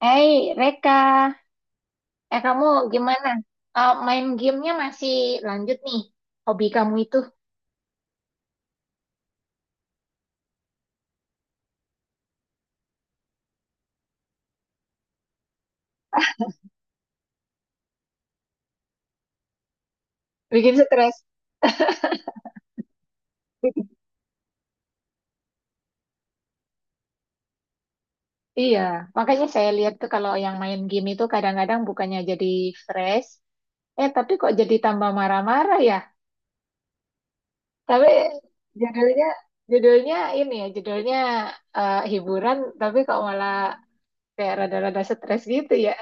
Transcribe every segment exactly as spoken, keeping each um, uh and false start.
Hey, Reka. Eh, kamu gimana? Eh, main gamenya masih lanjut nih, hobi kamu itu. Bikin stres. Iya, makanya saya lihat tuh kalau yang main game itu kadang-kadang bukannya jadi fresh, eh tapi kok jadi tambah marah-marah ya. Tapi judulnya, judulnya ini ya, judulnya eh, hiburan, tapi kok malah kayak rada-rada stres gitu ya.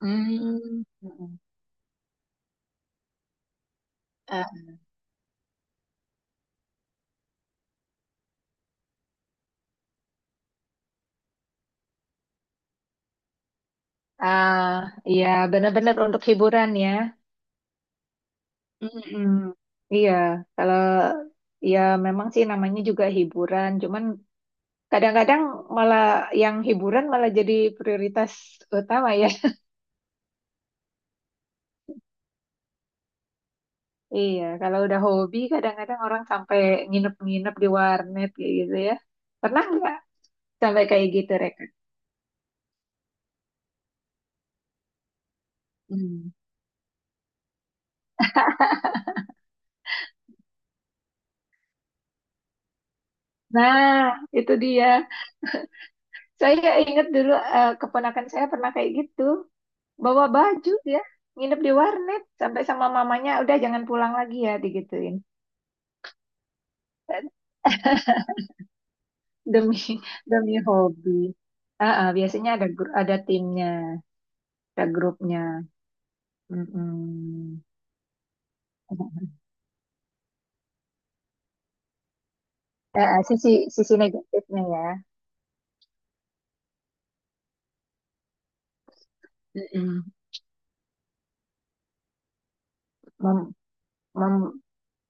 Hmm. Mm-mm. Eh, ah, iya, benar-benar untuk hiburan ya. Mm-mm. Iya, kalau ya memang sih namanya juga hiburan, cuman kadang-kadang malah yang hiburan malah jadi prioritas utama ya. Iya, kalau udah hobi kadang-kadang orang sampai nginep-nginep di warnet kayak gitu ya. Pernah nggak sampai kayak gitu, Reka? Hmm. Nah, itu dia. Saya ingat dulu eh, keponakan saya pernah kayak gitu. Bawa baju ya, nginep di warnet sampai sama mamanya udah jangan pulang lagi ya digituin. Demi demi hobi. Ah, ah, biasanya ada gru- ada timnya, ada grupnya. Mm-mm. Ah, ah, sisi sisi negatifnya ya. Mm-mm. Mem- mem-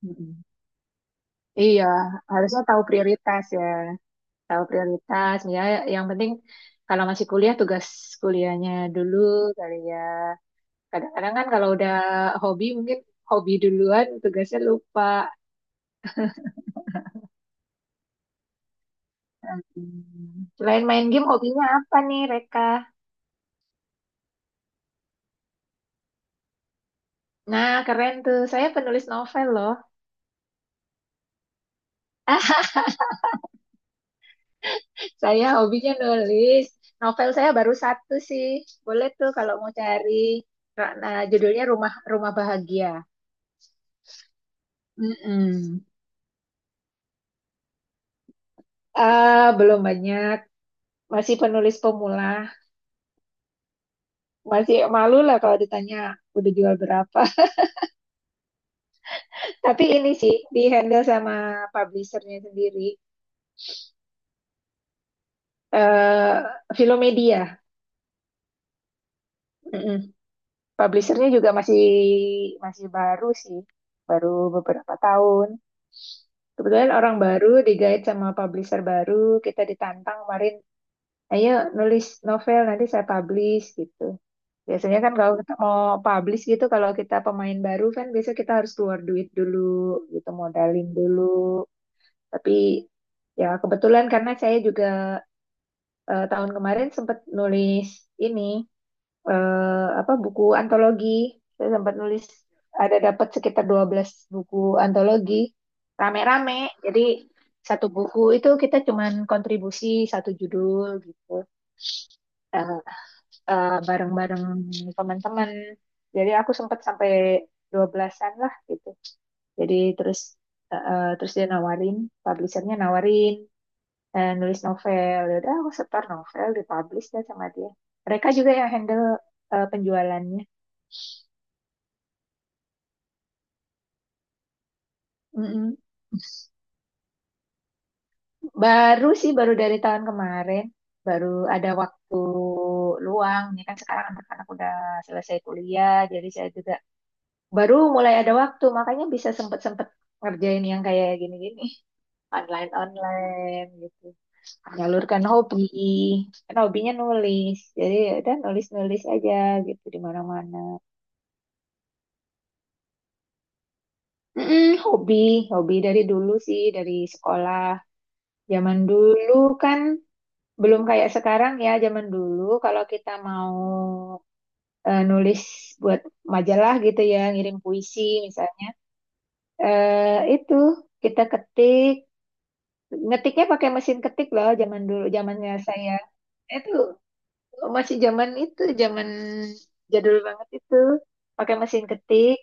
Mm-mm. Iya, harusnya tahu prioritas ya. Tahu prioritas. Ya, yang penting kalau masih kuliah tugas kuliahnya dulu kali ya. Kadang-kadang kan kalau udah hobi mungkin hobi duluan tugasnya lupa. Mm. Selain main game, hobinya apa nih, Reka? Nah, keren tuh. Saya penulis novel loh. Ah, saya hobinya nulis. Novel saya baru satu sih. Boleh tuh kalau mau cari. Nah, judulnya Rumah Rumah Bahagia. Mm-mm. Ah, belum banyak. Masih penulis pemula. Masih malu lah kalau ditanya udah jual berapa. Tapi ini sih di handle sama publishernya sendiri. Eh, Filomedia. Mm-mm. Publishernya juga masih masih baru sih, baru beberapa tahun. Kebetulan orang baru digait sama publisher baru, kita ditantang kemarin, ayo nulis novel nanti saya publish gitu. Biasanya kan kalau kita mau publish gitu, kalau kita pemain baru kan biasa kita harus keluar duit dulu, gitu modalin dulu. Tapi ya kebetulan karena saya juga eh, tahun kemarin sempat nulis ini eh, apa buku antologi. Saya sempat nulis ada dapat sekitar dua belas buku antologi rame-rame. Jadi satu buku itu kita cuman kontribusi satu judul gitu. Eh, eh, Bareng-bareng teman-teman. Jadi aku sempat sampai dua belasan lah gitu. Jadi terus eh, eh, terus dia nawarin, publishernya nawarin eh, nulis novel. Ya udah aku setor novel, dipublish dah sama dia. Mereka juga yang handle eh, penjualannya. Mm-mm. Baru sih, baru dari tahun kemarin, baru ada waktu luang. Ini kan sekarang anak-anak udah selesai kuliah, jadi saya juga baru mulai ada waktu, makanya bisa sempet-sempet ngerjain yang kayak gini-gini, online-online gitu. Menyalurkan hobi, kan hobinya nulis, jadi ya udah nulis-nulis aja gitu di mana-mana. Mm-mm. Hobi, hobi dari dulu sih, dari sekolah. Zaman dulu kan belum kayak sekarang ya, zaman dulu kalau kita mau eh, nulis buat majalah gitu ya, ngirim puisi misalnya. Eh, itu kita ketik, ngetiknya pakai mesin ketik loh zaman dulu, zamannya saya. Itu masih zaman itu, zaman jadul banget itu. Pakai mesin ketik,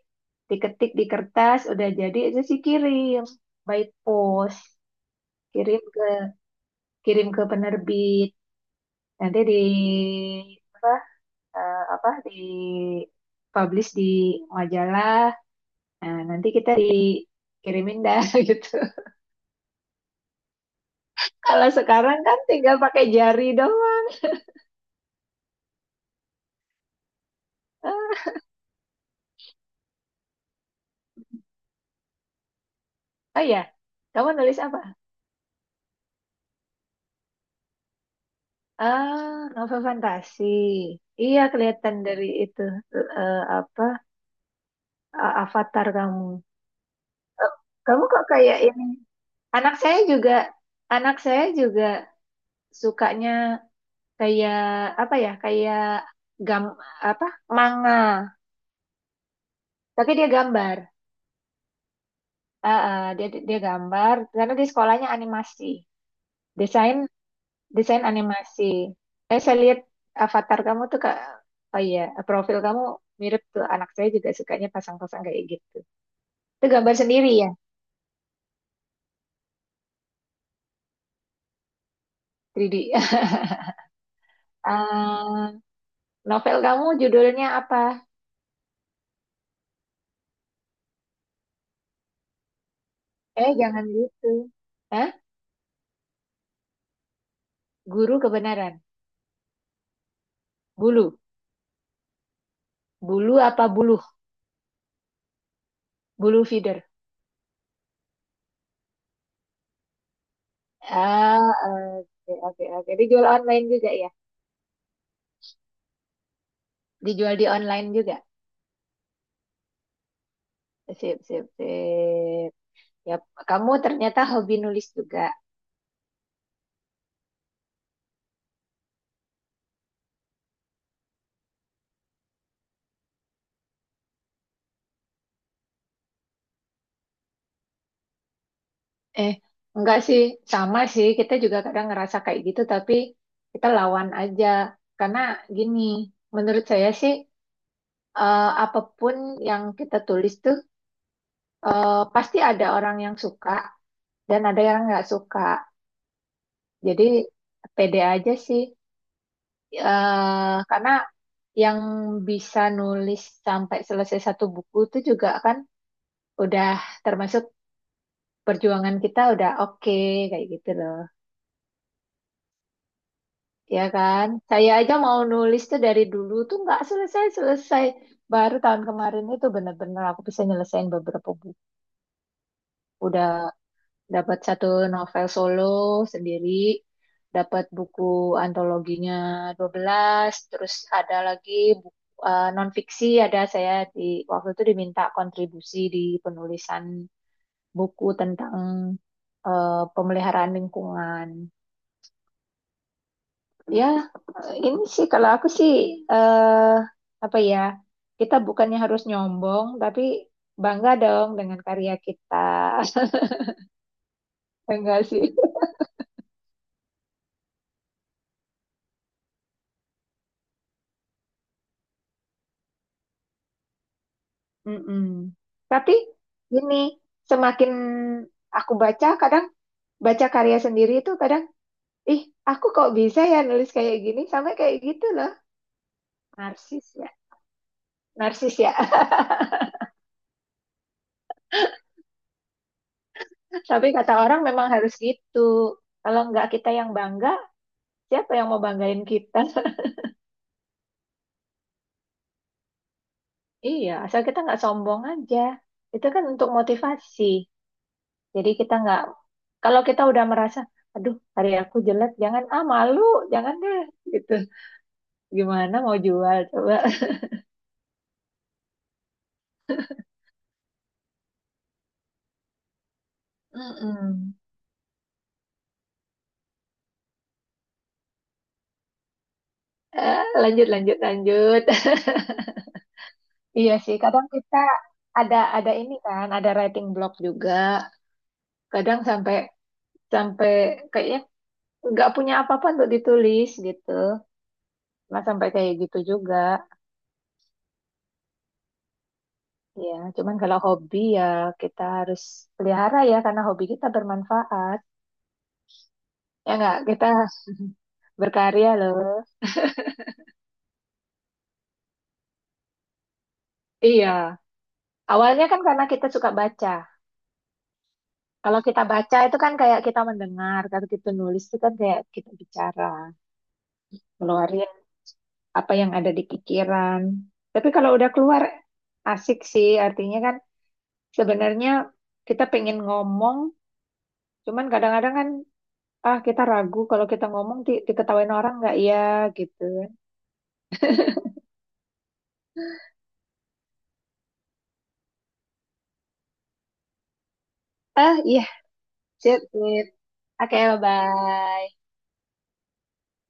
diketik di kertas, udah jadi itu sih kirim by post, kirim ke kirim ke penerbit. Nanti di apa, eh, apa di publish di majalah. Nah, nanti kita dikirimin dah gitu. Kalau sekarang kan tinggal pakai jari doang. Eh, Oh ya, kamu nulis apa? Ah, novel fantasi. Iya, kelihatan dari itu eh, apa a- avatar kamu. Eh, Kamu kok kayak ini? Anak saya juga, anak saya juga sukanya kayak apa ya? Kayak gam apa? Manga. Tapi dia gambar. Ah, ah, dia dia gambar karena di sekolahnya animasi, desain desain animasi. Eh, saya lihat avatar kamu tuh kak, oh iya, profil kamu mirip tuh anak saya juga sukanya pasang-pasang kayak gitu. Itu gambar sendiri ya, tiga D. Ah, Novel kamu judulnya apa? Eh, jangan gitu. Hah? Guru kebenaran. Bulu. Bulu apa buluh? Bulu feeder. Ah, oke, oke, oke. Dijual online juga ya? Dijual di online juga? Sip, sip, sip. Ya, kamu ternyata hobi nulis juga. Eh, enggak sih, sama sih. Kita juga kadang ngerasa kayak gitu, tapi kita lawan aja. Karena gini, menurut saya sih, eh, apapun yang kita tulis tuh, eh, pasti ada orang yang suka dan ada yang nggak suka. Jadi, pede aja sih. Eh, karena yang bisa nulis sampai selesai satu buku itu juga kan udah termasuk perjuangan, kita udah oke kayak gitu loh. Ya kan, saya aja mau nulis tuh dari dulu tuh nggak selesai selesai, baru tahun kemarin itu bener-bener aku bisa nyelesain beberapa buku. Udah dapat satu novel solo sendiri, dapat buku antologinya dua belas. Terus ada lagi buku non fiksi, ada saya di waktu itu diminta kontribusi di penulisan buku tentang eh, pemeliharaan lingkungan. Ya, ini sih kalau aku sih eh apa ya, kita bukannya harus nyombong, tapi bangga dong dengan karya kita. Enggak sih. Mm-mm. Tapi ini semakin aku baca, kadang baca karya sendiri itu kadang, ih, aku kok bisa ya nulis kayak gini, sampai kayak gitu loh. Narsis ya. Narsis ya. Tapi kata orang memang harus gitu. Kalau enggak kita yang bangga, siapa yang mau banggain kita? Iya, asal kita nggak sombong aja. Itu kan untuk motivasi. Jadi kita nggak, kalau kita udah merasa, aduh, hari aku jelek, jangan ah malu, jangan deh, gitu. Gimana mau jual coba? Mm-mm. Eh, lanjut, lanjut, lanjut. Iya sih, kadang kita ada ada ini kan, ada writing block juga. Kadang sampai sampai kayaknya nggak punya apa-apa untuk ditulis gitu. Nah, sampai kayak gitu juga. Ya, cuman kalau hobi ya kita harus pelihara ya karena hobi kita bermanfaat. Ya nggak, kita berkarya loh. Iya. Awalnya kan karena kita suka baca. Kalau kita baca itu kan kayak kita mendengar, kalau kita nulis itu kan kayak kita bicara, ngeluarin apa yang ada di pikiran. Tapi kalau udah keluar asik sih, artinya kan sebenarnya kita pengen ngomong, cuman kadang-kadang kan ah kita ragu kalau kita ngomong di- diketawain orang nggak ya gitu. Ah, iya. Sip, sip. Oke, bye-bye.